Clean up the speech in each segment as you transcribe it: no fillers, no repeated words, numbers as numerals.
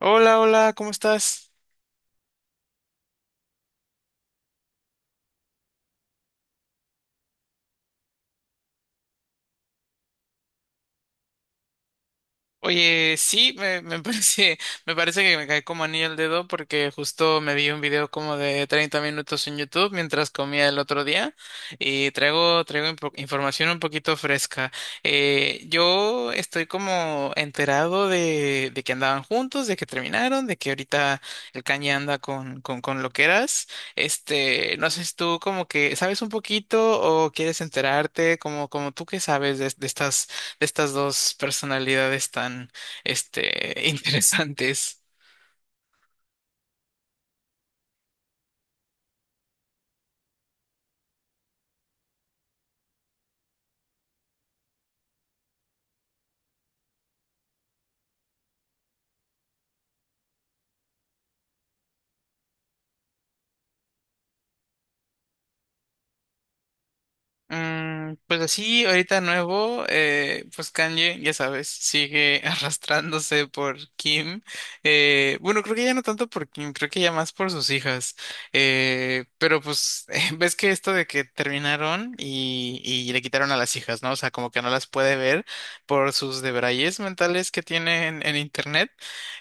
Hola, hola, ¿cómo estás? Oye, sí, me parece que me caí como anillo al dedo porque justo me vi un video como de 30 minutos en YouTube mientras comía el otro día y traigo información un poquito fresca. Yo estoy como enterado de que andaban juntos, de que terminaron, de que ahorita el Kanye anda con loqueras. Este, no sé si tú como que sabes un poquito o quieres enterarte, como, como tú que sabes de estas estas dos personalidades tan, este, interesantes. Pues así, ahorita nuevo, pues Kanye, ya sabes, sigue arrastrándose por Kim. Bueno, creo que ya no tanto por Kim, creo que ya más por sus hijas. Pero pues, ves que esto de que terminaron y le quitaron a las hijas, ¿no? O sea, como que no las puede ver por sus debrayes mentales que tienen en internet.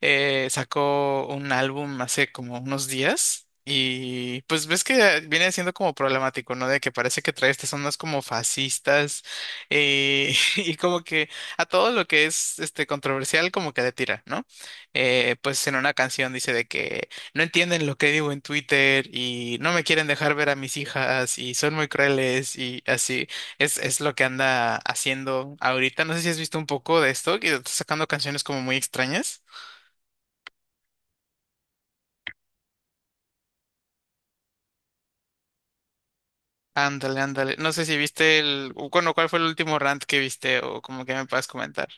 Sacó un álbum hace como unos días y pues ves que viene siendo como problemático, ¿no? De que parece que trae estas ondas como fascistas, y como que a todo lo que es este controversial como que le tira, ¿no? Pues en una canción dice de que no entienden lo que digo en Twitter y no me quieren dejar ver a mis hijas y son muy crueles y así es lo que anda haciendo ahorita. No sé si has visto un poco de esto, que está sacando canciones como muy extrañas. Ándale, ándale. No sé si viste el, o bueno, ¿cuál fue el último rant que viste o como que me puedas comentar?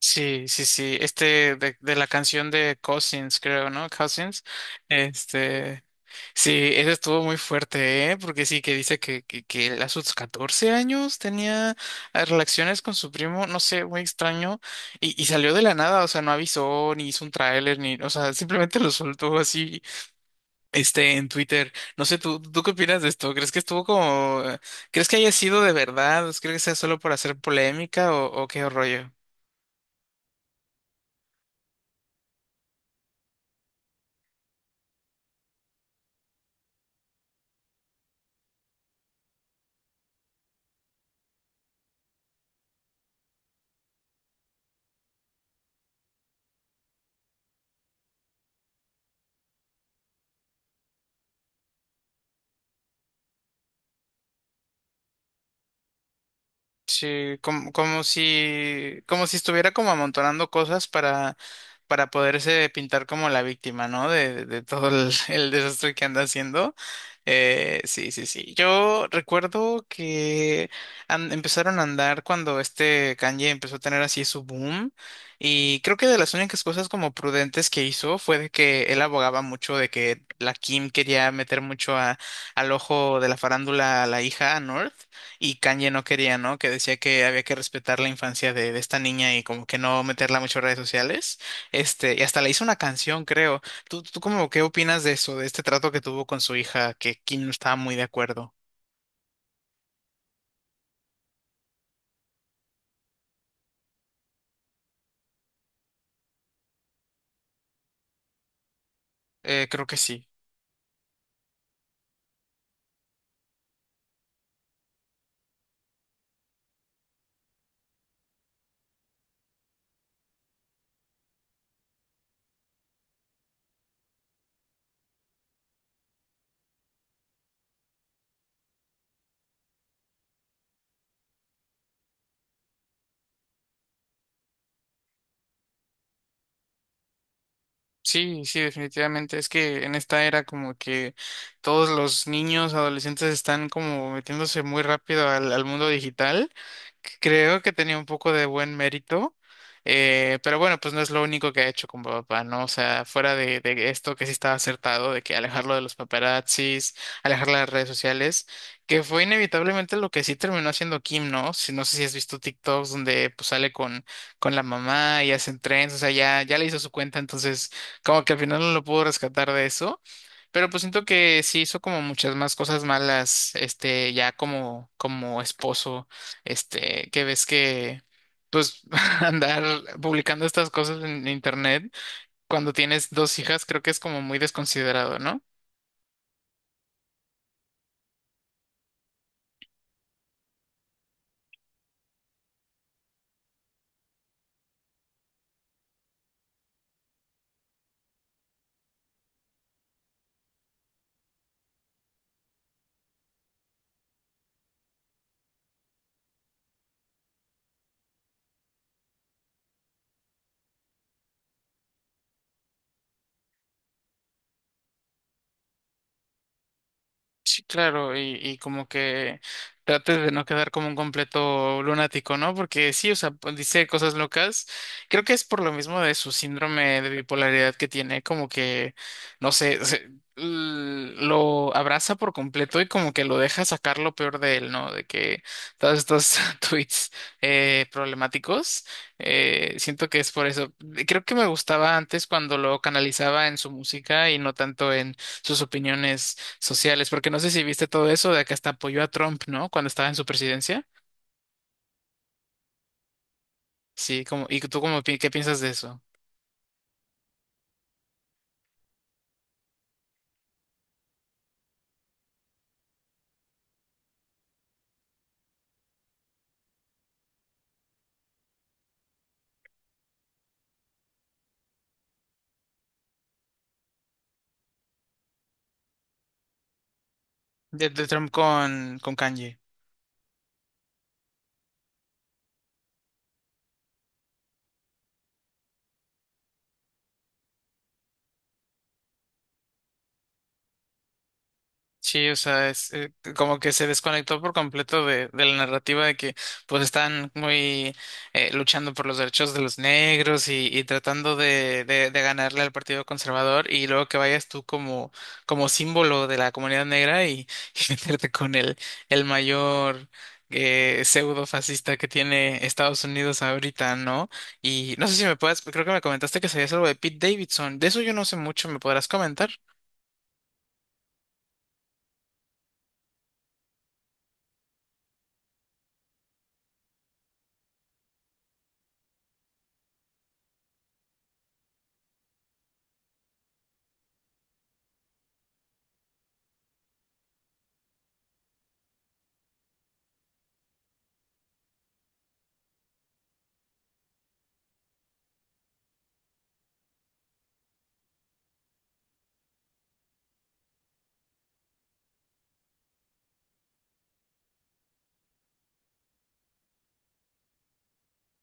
Sí, sí, sí. Este de la canción de Cousins, creo, ¿no? Cousins. Este, sí, ese estuvo muy fuerte, ¿eh? Porque sí, que dice que él a sus 14 años tenía relaciones con su primo, no sé, muy extraño. Y salió de la nada, o sea, no avisó, ni hizo un tráiler, ni, o sea, simplemente lo soltó así este, en Twitter. No sé, ¿tú qué opinas de esto? ¿Crees que estuvo como ¿crees que haya sido de verdad? ¿Crees que sea solo por hacer polémica o qué rollo? Sí, como, como si estuviera como amontonando cosas para poderse pintar como la víctima, ¿no? De todo el, el desastre que anda haciendo. Sí, sí, sí. Yo recuerdo que empezaron a andar cuando este Kanye empezó a tener así su boom. Y creo que de las únicas cosas como prudentes que hizo fue de que él abogaba mucho de que la Kim quería meter mucho al ojo de la farándula a la hija, a North, y Kanye no quería, ¿no? Que decía que había que respetar la infancia de esta niña y como que no meterla mucho en redes sociales. Este, y hasta le hizo una canción, creo. ¿Tú cómo, qué opinas de eso, de este trato que tuvo con su hija, que Kim no estaba muy de acuerdo? Creo que sí. Sí, sí, definitivamente. Es que en esta era como que todos los niños, adolescentes están como metiéndose muy rápido al mundo digital. Creo que tenía un poco de buen mérito, pero bueno, pues no es lo único que ha hecho con papá, ¿no? O sea, fuera de esto que sí estaba acertado, de que alejarlo de los paparazzis, alejar las redes sociales, que fue inevitablemente lo que sí terminó haciendo Kim, ¿no? Si, no sé si has visto TikToks donde pues sale con la mamá y hacen trends, o sea, ya, ya le hizo su cuenta, entonces como que al final no lo pudo rescatar de eso. Pero pues siento que sí hizo como muchas más cosas malas, este, ya como, como esposo, este, que ves que, pues, andar publicando estas cosas en internet cuando tienes dos hijas, creo que es como muy desconsiderado, ¿no? Sí, claro, y como que trates de no quedar como un completo lunático, ¿no? Porque sí, o sea, pues, dice cosas locas. Creo que es por lo mismo de su síndrome de bipolaridad que tiene, como que, no sé, lo abraza por completo y como que lo deja sacar lo peor de él, ¿no? De que todos estos tweets problemáticos, siento que es por eso. Creo que me gustaba antes cuando lo canalizaba en su música y no tanto en sus opiniones sociales, porque no sé si viste todo eso de que hasta apoyó a Trump, ¿no? Cuando estaba en su presidencia. Sí, como, ¿y tú cómo, qué piensas de eso? De Trump con Kanye. Sí, o sea, es como que se desconectó por completo de la narrativa de que pues están muy luchando por los derechos de los negros y tratando de ganarle al Partido Conservador y luego que vayas tú como, como símbolo de la comunidad negra y, y meterte con el mayor pseudo fascista que tiene Estados Unidos ahorita, ¿no? Y no sé si me puedes, creo que me comentaste que sabías algo de Pete Davidson, de eso yo no sé mucho, ¿me podrás comentar?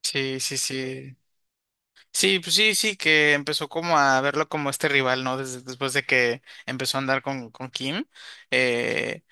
Sí, sí, sí. Sí, pues sí, sí, que empezó como a verlo como este rival, ¿no? Desde, después de que empezó a andar con Kim. Eh,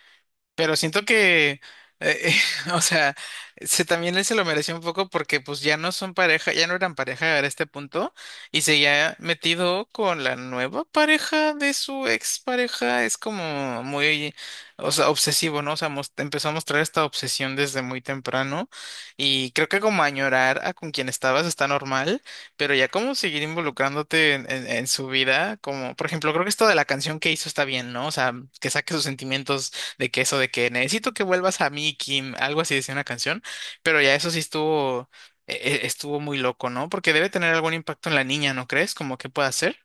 pero siento que, eh, o sea, se, también él se lo mereció un poco porque pues ya no son pareja, ya no eran pareja a este punto y se ya metido con la nueva pareja de su ex pareja. Es como muy, o sea, obsesivo, ¿no? O sea, empezó a mostrar esta obsesión desde muy temprano y creo que como añorar a con quien estabas está normal, pero ya como seguir involucrándote en, en su vida, como por ejemplo, creo que esto de la canción que hizo está bien, ¿no? O sea, que saque sus sentimientos de que eso de que necesito que vuelvas a mí, Kim, algo así decía una canción, pero ya eso sí estuvo, estuvo muy loco, ¿no? Porque debe tener algún impacto en la niña, ¿no crees? Como que pueda hacer.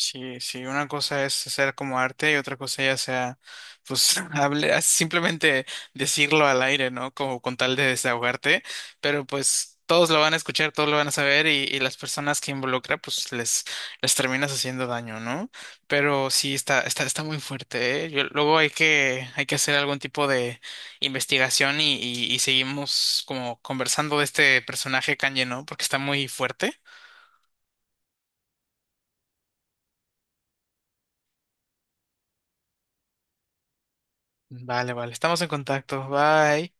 Sí, sí, una cosa es hacer como arte y otra cosa ya sea, pues, hable, ah, simplemente decirlo al aire, ¿no? Como con tal de desahogarte, pero pues todos lo van a escuchar, todos lo van a saber y las personas que involucra, pues les terminas haciendo daño, ¿no? Pero sí, está muy fuerte, ¿eh? Luego hay que hacer algún tipo de investigación y seguimos como conversando de este personaje Kanye, ¿no? Porque está muy fuerte. Vale, vale, estamos en contacto, bye.